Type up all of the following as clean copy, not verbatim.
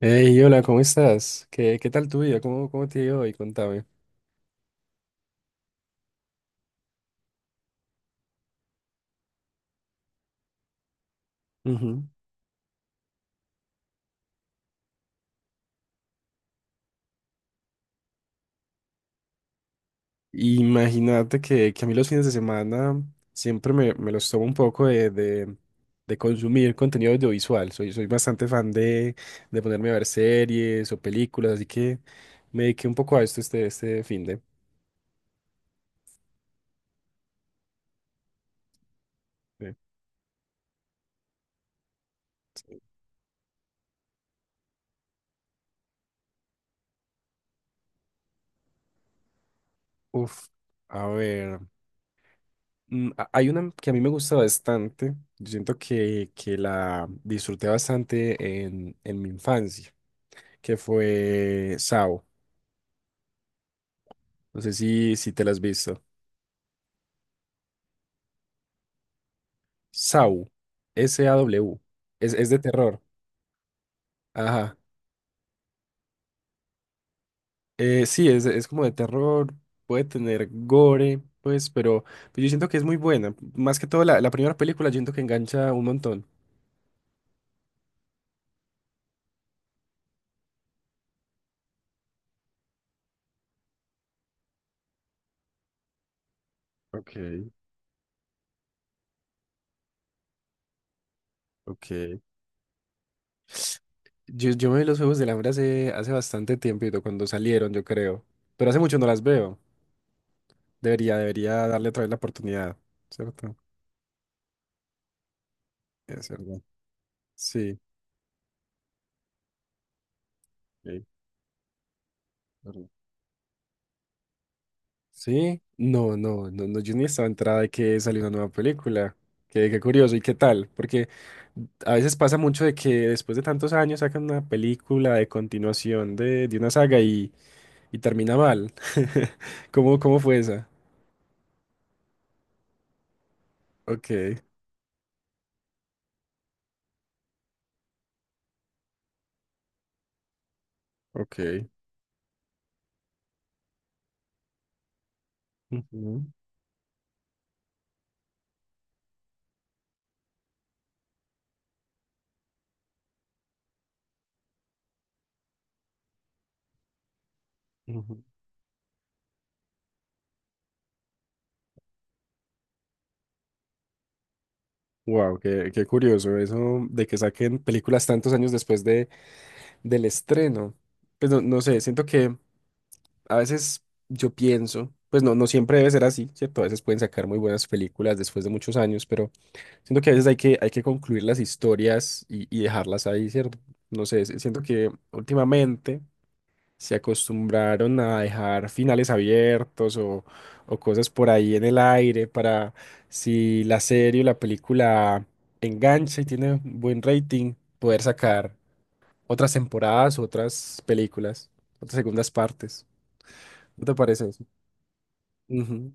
Hey, hola, ¿cómo estás? ¿¿Qué tal tu vida? ¿¿Cómo te ha ido hoy? Contame. Ujú. Imagínate que a mí los fines de semana siempre me los tomo un poco de consumir contenido audiovisual. Soy bastante fan de ponerme a ver series o películas, así que me dediqué un poco a esto este fin de. Sí. Uf, a ver, mm, a- Hay una que a mí me gusta bastante. Yo siento que la disfruté bastante en mi infancia, que fue Sao. No sé si te la has visto. Saw. SAW. Es de terror. Ajá. Es como de terror. Puede tener gore, pues, pero yo siento que es muy buena. Más que todo, la primera película, yo siento que engancha un montón. Ok, ok. Yo me vi los Juegos del Hambre hace bastante tiempo cuando salieron, yo creo. Pero hace mucho no las veo. Debería darle otra vez la oportunidad, ¿cierto? Es verdad. Sí. Ok, verdad. Sí, no, no, no, no, yo ni estaba enterada de que salió una nueva película. Qué curioso y qué tal, porque a veces pasa mucho de que después de tantos años sacan una película de continuación de una saga y termina mal. ¿¿Cómo fue esa? Ok, ok. Wow, qué curioso eso de que saquen películas tantos años del estreno. Pues no, no sé, siento que a veces yo pienso, pues no, no siempre debe ser así, ¿cierto? A veces pueden sacar muy buenas películas después de muchos años, pero siento que a veces hay que concluir las historias y dejarlas ahí, ¿cierto? No sé, siento que últimamente se acostumbraron a dejar finales abiertos o cosas por ahí en el aire para si la serie o la película engancha y tiene buen rating, poder sacar otras temporadas, otras películas, otras segundas partes. ¿No te parece? Ujú.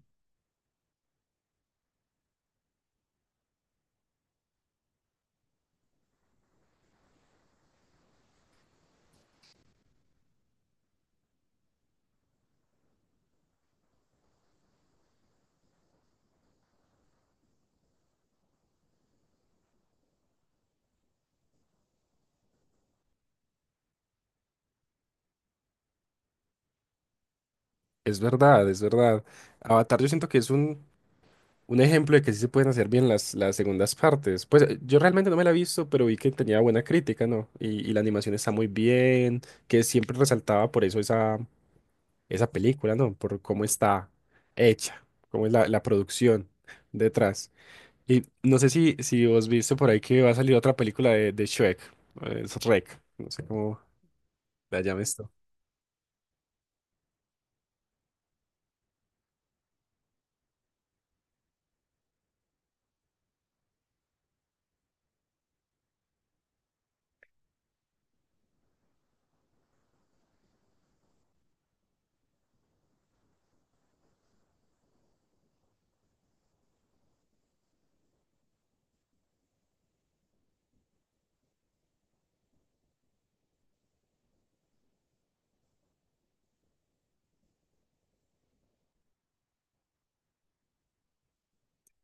Es verdad, es verdad. Avatar, yo siento que es un ejemplo de que sí se pueden hacer bien las segundas partes. Pues yo realmente no me la he visto, pero vi que tenía buena crítica, ¿no? Y la animación está muy bien, que siempre resaltaba por eso esa, esa película, ¿no? Por cómo está hecha, cómo es la producción detrás. Y no sé si vos viste por ahí que va a salir otra película de Shrek, es Shrek, no sé cómo la llames tú.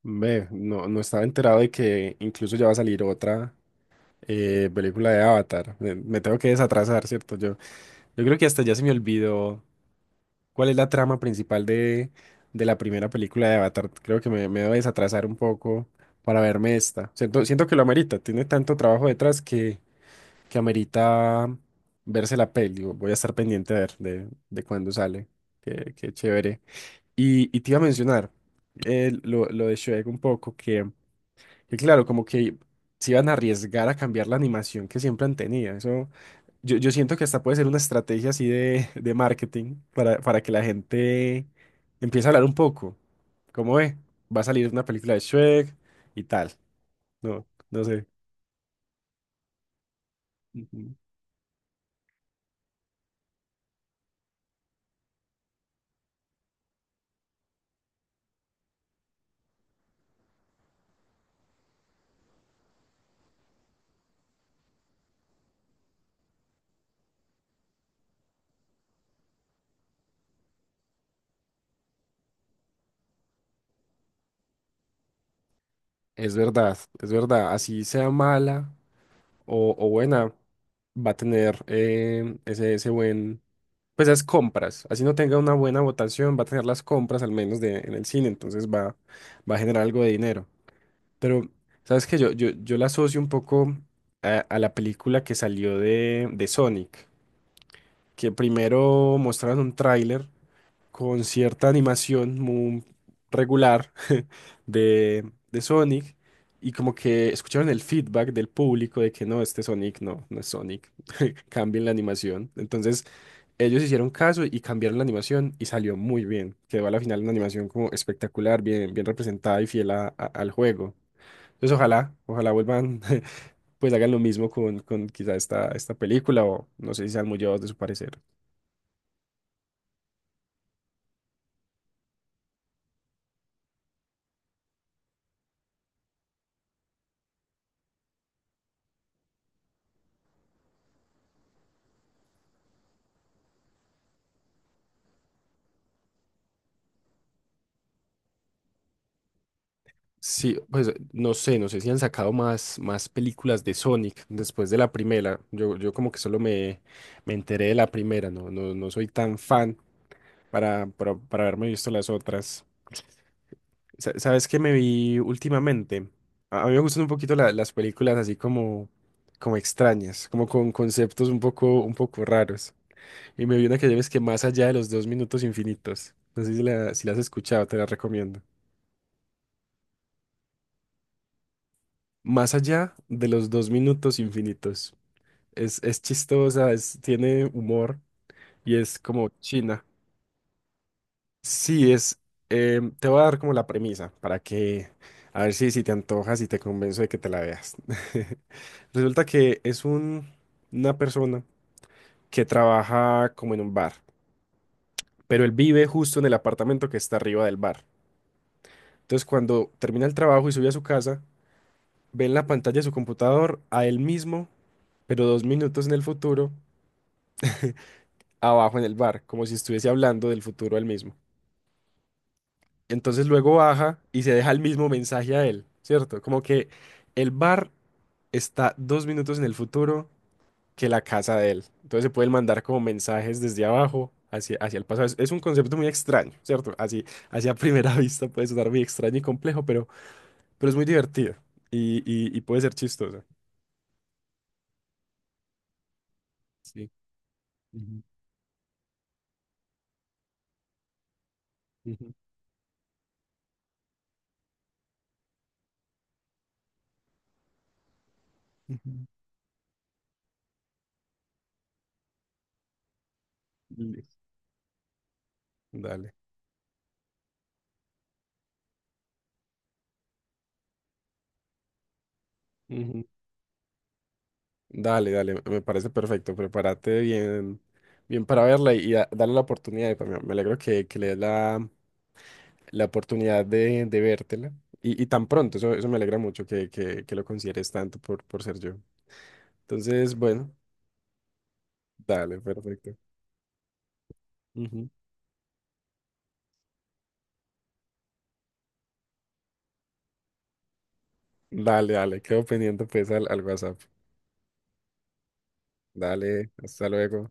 Ve, no, no estaba enterado de que incluso ya va a salir otra película de Avatar. Me tengo que desatrasar, ¿cierto? Yo creo que hasta ya se me olvidó cuál es la trama principal de la primera película de Avatar. Creo que me debo desatrasar un poco para verme esta. Siento que lo amerita. Tiene tanto trabajo detrás que amerita verse la peli. Voy a estar pendiente a ver de cuándo sale. Qué chévere. Y te iba a mencionar lo de Shrek un poco, que claro, como que se iban a arriesgar a cambiar la animación que siempre han tenido. Eso, yo siento que hasta puede ser una estrategia así de marketing para que la gente empiece a hablar un poco. Como ve, va a salir una película de Shrek y tal. No, no sé. Ujú. Es verdad, es verdad. Así sea mala o buena, va a tener ese buen pues esas compras, así no tenga una buena votación, va a tener las compras al menos de, en el cine, entonces va, va a generar algo de dinero. Pero, ¿sabes qué? Yo la asocio un poco a la película que salió de Sonic, que primero mostraron un tráiler con cierta animación muy regular de Sonic y como que escucharon el feedback del público de que no, este Sonic no, no es Sonic cambien la animación. Entonces, ellos hicieron caso y cambiaron la animación y salió muy bien. Quedó a la final una animación como espectacular, bien, bien representada y fiel al juego. Entonces, ojalá, ojalá vuelvan, pues hagan lo mismo con quizá esta película o no sé si sean muy llevados de su parecer. Sí, pues no sé, no sé si han sacado más películas de Sonic después de la primera. Yo como que solo me enteré de la primera, no, no, no soy tan fan para haberme visto las otras. ¿Sabes qué me vi últimamente? A mí me gustan un poquito las películas así como, como extrañas, como con conceptos un poco raros. Y me vi una que lleves que más allá de los dos minutos infinitos. No sé si la, si la has escuchado, te la recomiendo. Más allá de los dos minutos infinitos. Es chistosa, es, tiene humor y es como china. Sí, es. Te voy a dar como la premisa para que. A ver si te antojas y te convenzo de que te la veas. Resulta que es una persona que trabaja como en un bar, pero él vive justo en el apartamento que está arriba del bar. Entonces, cuando termina el trabajo y sube a su casa, ve en la pantalla de su computador a él mismo, pero 2 minutos en el futuro, abajo en el bar, como si estuviese hablando del futuro a él mismo. Entonces luego baja y se deja el mismo mensaje a él, ¿cierto? Como que el bar está 2 minutos en el futuro que la casa de él. Entonces se pueden mandar como mensajes desde abajo hacia, hacia el pasado. Es un concepto muy extraño, ¿cierto? Así, así a primera vista puede sonar muy extraño y complejo, pero es muy divertido y, y puede ser chistoso. Sí. Ujú, ujú, ujú. Listo. Dale. Dale, dale, me parece perfecto. Prepárate bien, bien para verla y dale la oportunidad. Y pues me alegro que le des la oportunidad de vértela. Y tan pronto, eso me alegra mucho que lo consideres tanto por ser yo. Entonces, bueno, dale, perfecto. Ujú. Dale, dale, quedo pendiente pues al, al WhatsApp. Dale, hasta luego.